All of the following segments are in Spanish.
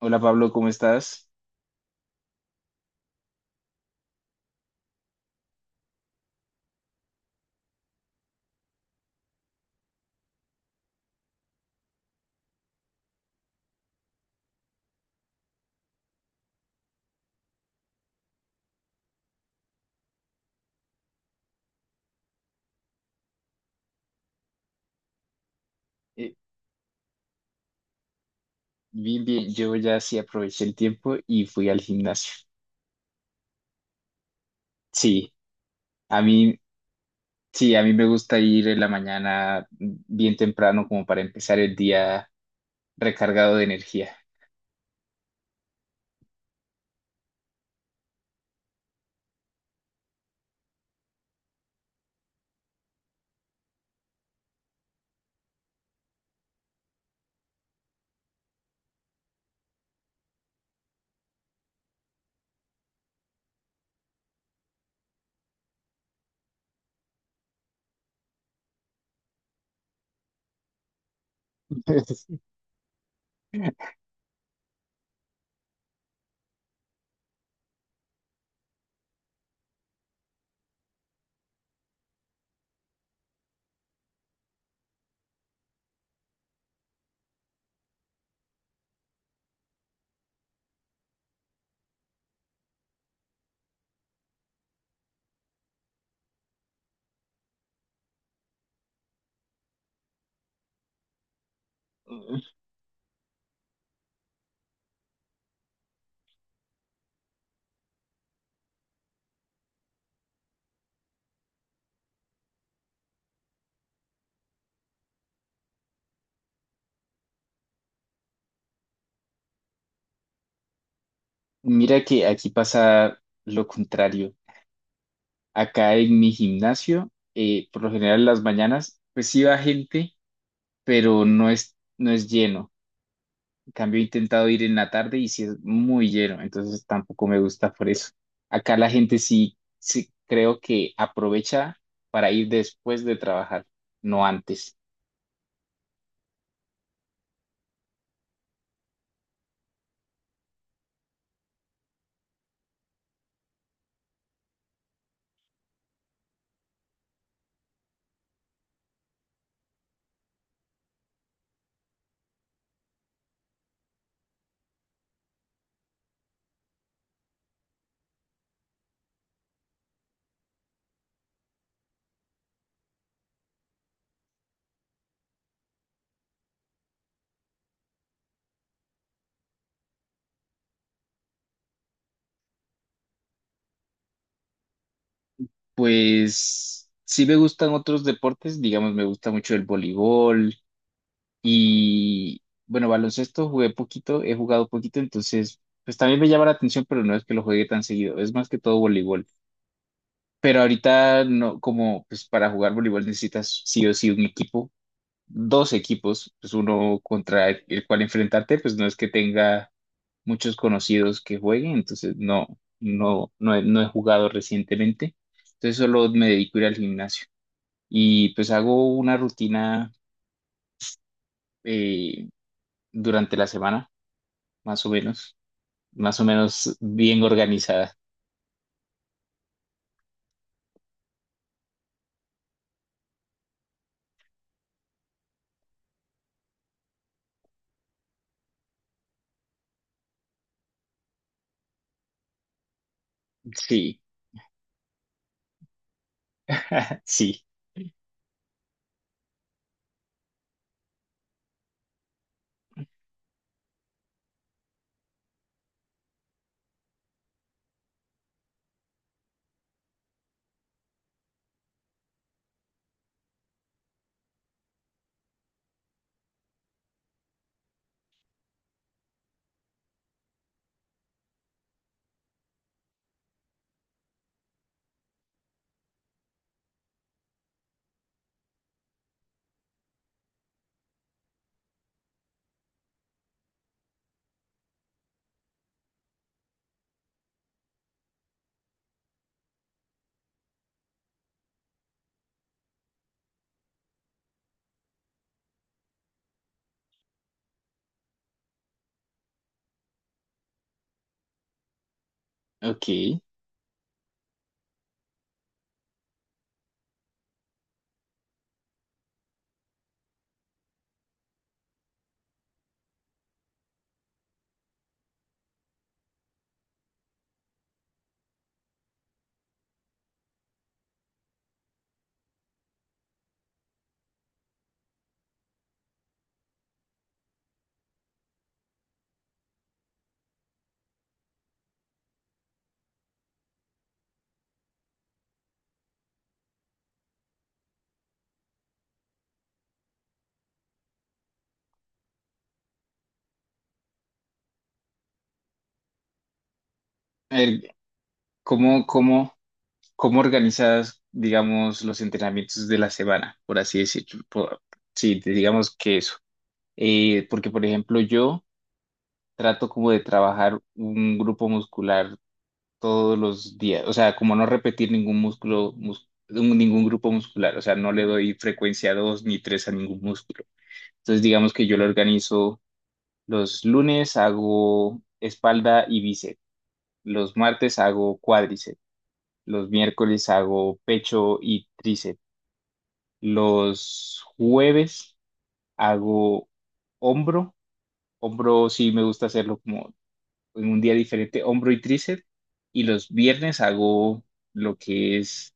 Hola Pablo, ¿cómo estás? Eh, Bien, bien, yo ya sí aproveché el tiempo y fui al gimnasio. Sí, a mí, sí, a mí me gusta ir en la mañana bien temprano como para empezar el día recargado de energía. Mira que aquí pasa lo contrario. Acá en mi gimnasio, por lo general en las mañanas, pues sí va gente, pero no es lleno. Cambio he intentado ir en la tarde y si es muy lleno, entonces tampoco me gusta por eso. Acá la gente sí, sí creo que aprovecha para ir después de trabajar, no antes. Pues sí me gustan otros deportes, digamos, me gusta mucho el voleibol y bueno, baloncesto jugué poquito, he jugado poquito, entonces pues también me llama la atención, pero no es que lo juegue tan seguido, es más que todo voleibol. Pero ahorita no, como pues para jugar voleibol necesitas sí o sí un equipo, dos equipos, pues uno contra el cual enfrentarte, pues no es que tenga muchos conocidos que jueguen, entonces no, no he jugado recientemente, entonces solo me dedico a ir al gimnasio y pues hago una rutina eh, durante la semana, más o menos, más o menos bien organizada. Sí. Sí, ok. A ver, ¿cómo, cómo? ¿Cómo organizas, digamos, los entrenamientos de la semana, por así decirlo? Sí, digamos que eso. Porque, por ejemplo, yo trato como de trabajar un grupo muscular todos los días, o sea, como no repetir ningún músculo, ningún grupo muscular, o sea, no le doy frecuencia dos ni tres a ningún músculo. Entonces, digamos que yo lo organizo los lunes, hago espalda y bíceps, los martes hago cuádriceps, los miércoles hago pecho y tríceps. Los jueves hago hombro. Hombro sí me gusta hacerlo como en un día diferente, hombro y tríceps. Y los viernes hago lo que es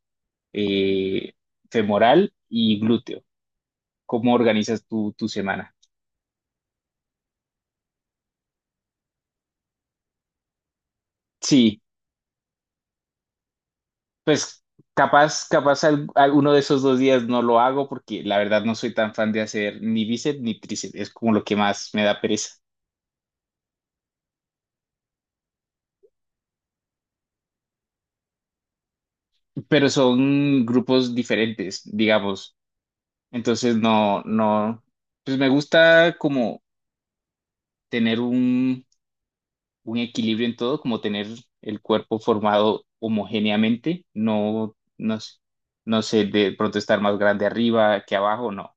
eh, femoral y glúteo. ¿Cómo organizas tu, tu semana? Sí, pues capaz, capaz, alguno de esos dos días no lo hago porque la verdad no soy tan fan de hacer ni bíceps ni tríceps. Es como lo que más me da pereza. Pero son grupos diferentes, digamos. Entonces, no, no, pues me gusta como tener un equilibrio en todo, como tener el cuerpo formado homogéneamente, no, no sé, de pronto estar más grande arriba que abajo, no.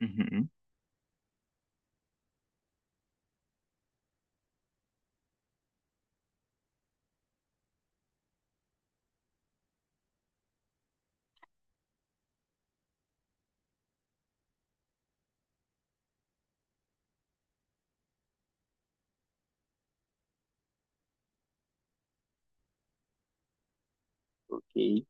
Ujú. Ok.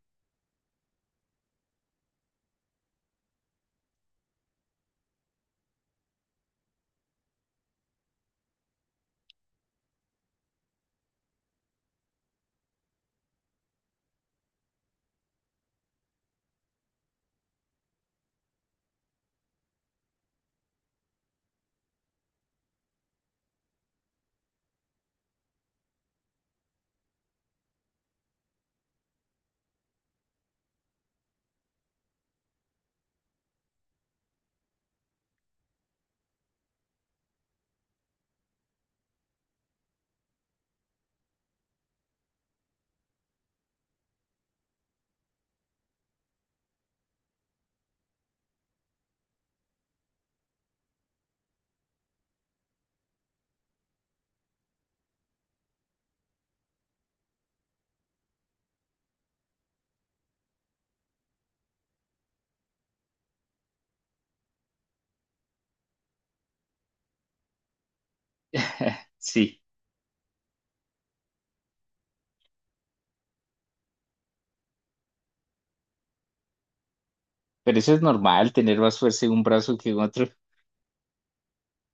Sí, pero eso es normal, tener más fuerza en un brazo que en otro.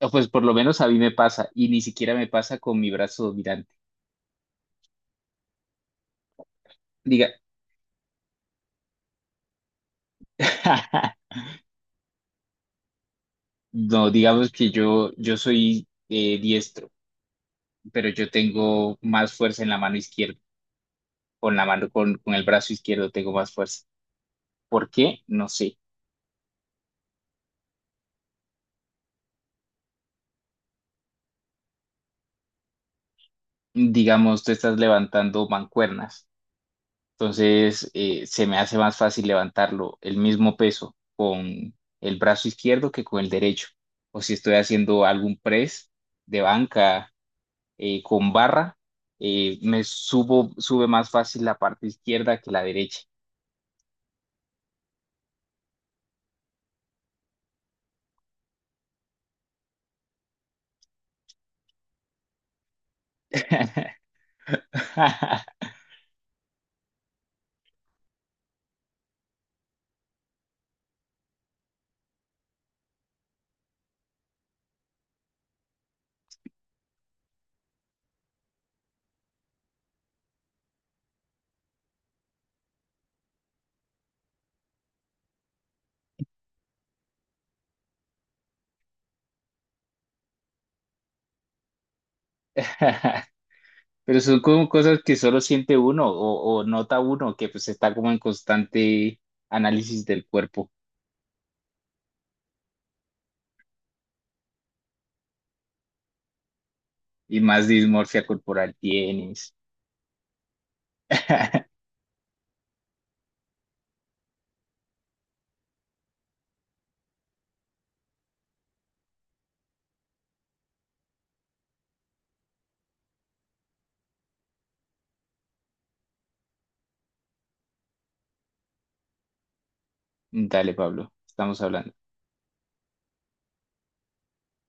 O pues por lo menos a mí me pasa, y ni siquiera me pasa con mi brazo dominante. Diga. No, digamos que yo soy diestro. Pero yo tengo más fuerza en la mano izquierda, con la mano, con el brazo izquierdo tengo más fuerza. ¿Por qué? No sé. Digamos, tú estás levantando mancuernas, entonces se me hace más fácil levantarlo el mismo peso con el brazo izquierdo que con el derecho. O si estoy haciendo algún press de banca con barra, me subo, sube más fácil la parte izquierda que la derecha. Pero son como cosas que solo siente uno o nota uno que pues está como en constante análisis del cuerpo y más dismorfia corporal tienes. Dale, Pablo, estamos hablando.